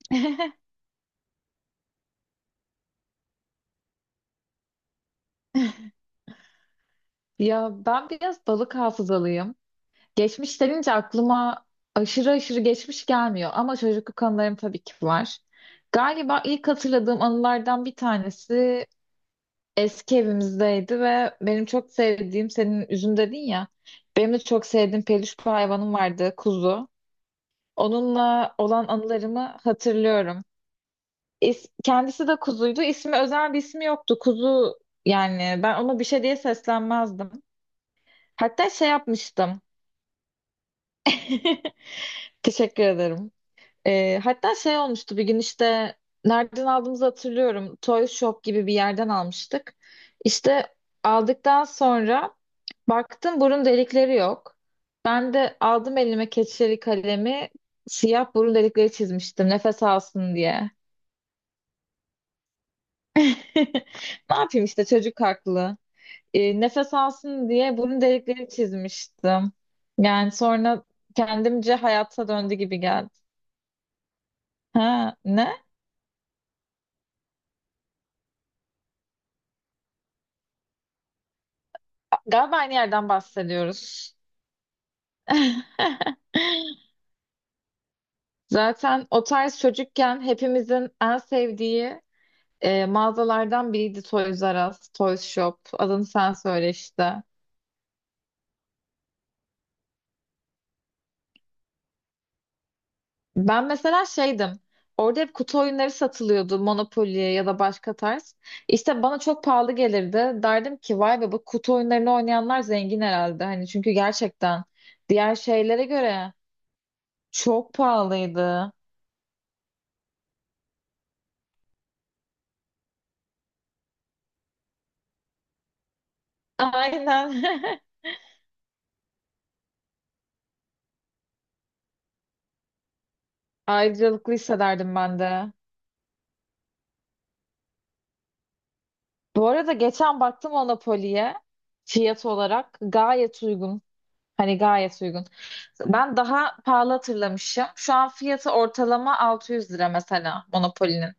Ya ben biraz balık hafızalıyım. Geçmiş denince aklıma aşırı aşırı geçmiş gelmiyor, ama çocukluk anılarım tabii ki var. Galiba ilk hatırladığım anılardan bir tanesi eski evimizdeydi ve benim çok sevdiğim, senin üzüm dedin ya, benim de çok sevdiğim peluş bir hayvanım vardı, kuzu. Onunla olan anılarımı hatırlıyorum. Kendisi de kuzuydu. İsmi, özel bir ismi yoktu. Kuzu, yani ben ona bir şey diye seslenmezdim. Hatta şey yapmıştım. Teşekkür ederim. Hatta şey olmuştu bir gün işte, nereden aldığımızı hatırlıyorum. Toy Shop gibi bir yerden almıştık. İşte aldıktan sonra baktım, burun delikleri yok. Ben de aldım elime keçeli kalemi, siyah burun delikleri çizmiştim, nefes alsın diye. Ne yapayım işte, çocuk haklı. Nefes alsın diye burun delikleri çizmiştim. Yani sonra kendimce hayata döndü gibi geldi. Ha ne? Galiba aynı yerden bahsediyoruz. Zaten o tarz çocukken hepimizin en sevdiği mağazalardan biriydi Toys R Us, Toys Shop. Adını sen söyle işte. Ben mesela şeydim. Orada hep kutu oyunları satılıyordu, Monopoly ya da başka tarz. İşte bana çok pahalı gelirdi. Derdim ki, vay be, bu kutu oyunlarını oynayanlar zengin herhalde. Hani çünkü gerçekten diğer şeylere göre çok pahalıydı. Aynen. Ayrıcalıklı hissederdim ben de. Bu arada geçen baktım Monopoly'ye, fiyat olarak gayet uygun. Hani gayet uygun. Ben daha pahalı hatırlamışım. Şu an fiyatı ortalama 600 lira mesela Monopoly'nin.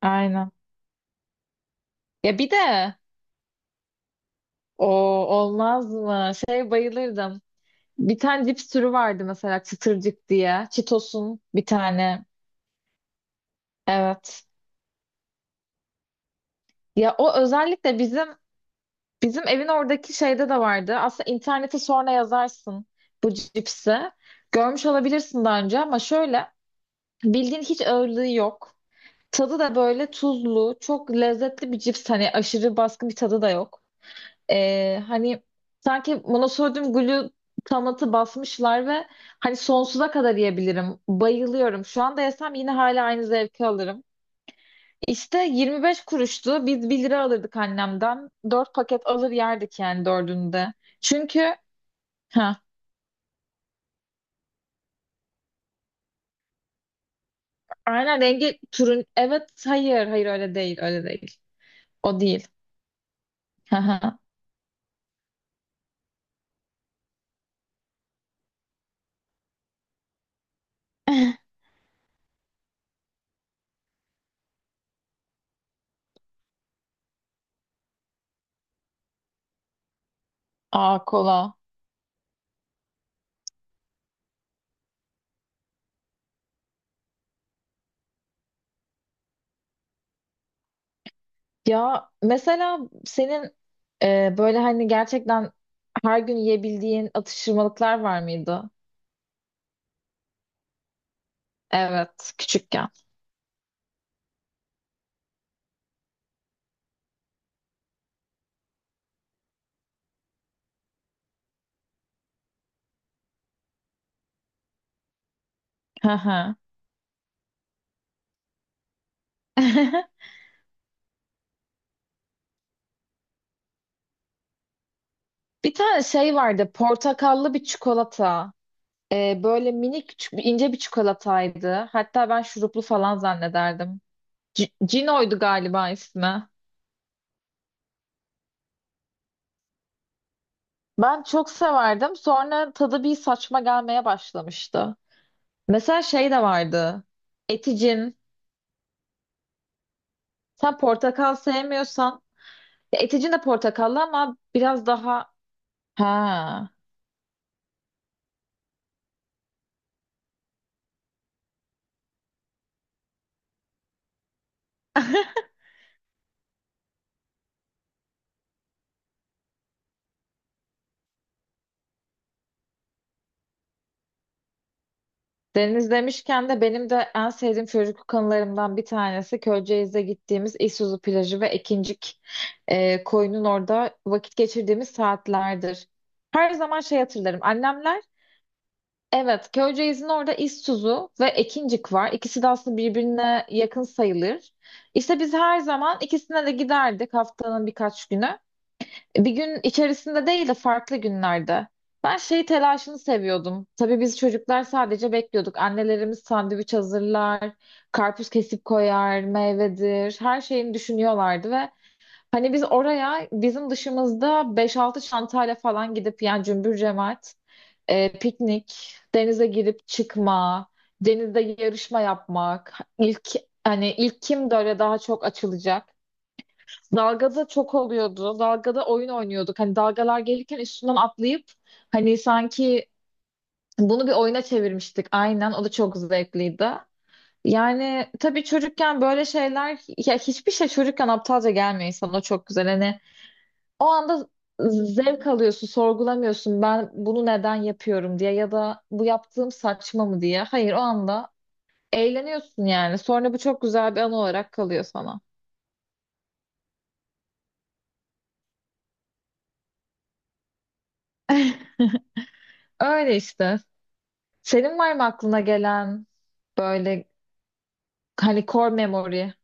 Aynen. Ya bir de o, olmaz mı? Şey, bayılırdım. Bir tane cips türü vardı mesela, çıtırcık diye. Cheetos'un bir tane. Evet. Ya o özellikle Bizim evin oradaki şeyde de vardı. Aslında internete sonra yazarsın bu cipsi. Görmüş olabilirsin daha önce ama şöyle, bildiğin hiç ağırlığı yok. Tadı da böyle tuzlu, çok lezzetli bir cips. Hani aşırı baskın bir tadı da yok. Hani sanki monosodyum glutamatı basmışlar ve hani sonsuza kadar yiyebilirim. Bayılıyorum. Şu anda yesem yine hala aynı zevki alırım. İşte 25 kuruştu. Biz 1 lira alırdık annemden. 4 paket alır yerdik, yani dördünde. Çünkü ha, aynen, rengi turun, evet, hayır hayır, öyle değil, öyle değil. O değil. Haha. Aa, kola. Ya mesela senin böyle, hani, gerçekten her gün yiyebildiğin atıştırmalıklar var mıydı? Evet, küçükken. Haha. Bir tane şey vardı, portakallı bir çikolata. Böyle minik, ince bir çikolataydı. Hatta ben şuruplu falan zannederdim. C Cino'ydu galiba ismi. Ben çok severdim. Sonra tadı bir saçma gelmeye başlamıştı. Mesela şey de vardı, Eticin. Sen portakal sevmiyorsan. Ya Eticin de portakallı ama biraz daha... Ha. Deniz demişken de benim de en sevdiğim çocukluk anılarımdan bir tanesi Köyceğiz'de gittiğimiz İsuzu plajı ve Ekincik koyunun orada vakit geçirdiğimiz saatlerdir. Her zaman şey hatırlarım. Annemler. Evet, Köyceğiz'in orada İsuzu ve Ekincik var. İkisi de aslında birbirine yakın sayılır. İşte biz her zaman ikisine de giderdik, haftanın birkaç günü. Bir gün içerisinde değil de farklı günlerde. Ben şey telaşını seviyordum. Tabii biz çocuklar sadece bekliyorduk. Annelerimiz sandviç hazırlar, karpuz kesip koyar, meyvedir, her şeyini düşünüyorlardı ve hani biz oraya, bizim dışımızda beş altı çantayla falan gidip, yani cümbür cemaat piknik, denize girip çıkma, denizde yarışma yapmak, hani ilk kim böyle daha çok açılacak. Dalgada çok oluyordu. Dalgada oyun oynuyorduk. Hani dalgalar gelirken üstünden atlayıp, hani sanki bunu bir oyuna çevirmiştik. Aynen. O da çok zevkliydi. Yani tabii çocukken böyle şeyler, ya hiçbir şey çocukken aptalca gelmiyor insana, o çok güzel. Hani o anda zevk alıyorsun, sorgulamıyorsun ben bunu neden yapıyorum diye ya da bu yaptığım saçma mı diye. Hayır, o anda eğleniyorsun yani. Sonra bu çok güzel bir anı olarak kalıyor sana. Öyle işte. Senin var mı aklına gelen böyle, hani, core memory?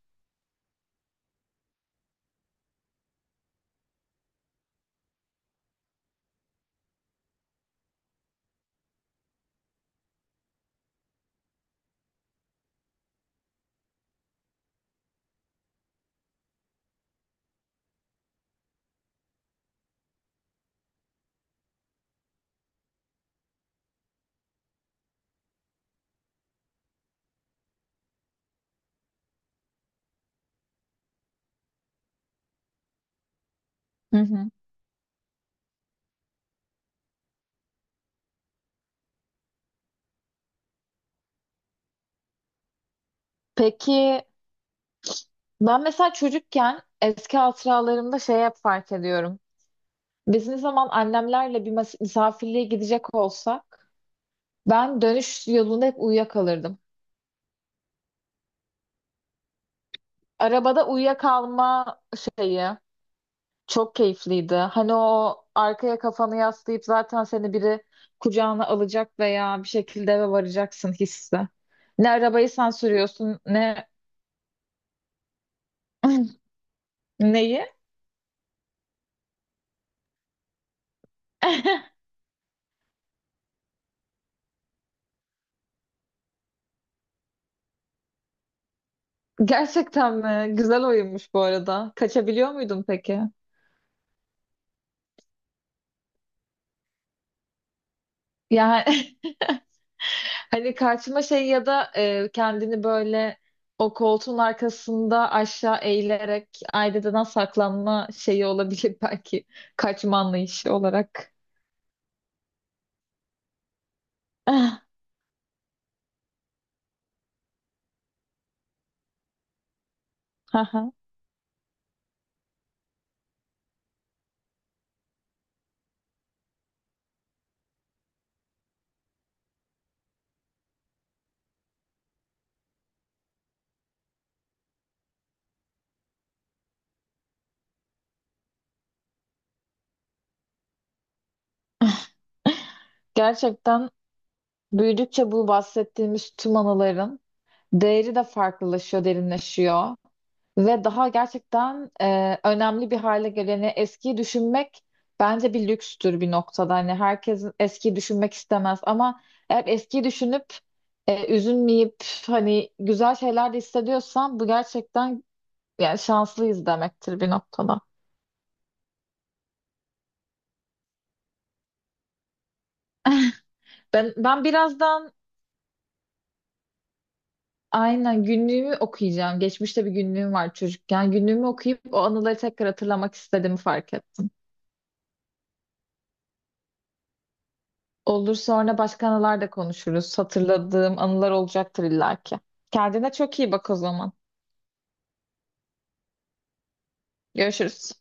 Hı hı. Peki, ben mesela çocukken eski hatıralarımda şey hep fark ediyorum. Biz ne zaman annemlerle bir misafirliğe gidecek olsak, ben dönüş yolunda hep uyuyakalırdım. Arabada uyuyakalma şeyi çok keyifliydi. Hani o, arkaya kafanı yaslayıp zaten seni biri kucağına alacak veya bir şekilde eve varacaksın hissi. Ne arabayı sen sürüyorsun, ne Neyi? Gerçekten mi? Güzel oyunmuş bu arada. Kaçabiliyor muydun peki? Yani hani karşıma şey ya da kendini böyle o koltuğun arkasında aşağı eğilerek aileden saklanma şeyi olabilir belki. Kaçma anlayışı olarak. Aha. Gerçekten büyüdükçe bu bahsettiğimiz tüm anıların değeri de farklılaşıyor, derinleşiyor. Ve daha gerçekten önemli bir hale geleni, eskiyi düşünmek bence bir lükstür bir noktada. Hani herkes eskiyi düşünmek istemez ama eğer eskiyi düşünüp üzülmeyip, hani güzel şeyler de hissediyorsan bu gerçekten, yani şanslıyız demektir bir noktada. Ben birazdan, aynen, günlüğümü okuyacağım. Geçmişte bir günlüğüm var, çocukken. Günlüğümü okuyup o anıları tekrar hatırlamak istediğimi fark ettim. Olur, sonra başka anılar da konuşuruz. Hatırladığım anılar olacaktır illaki. Kendine çok iyi bak o zaman. Görüşürüz.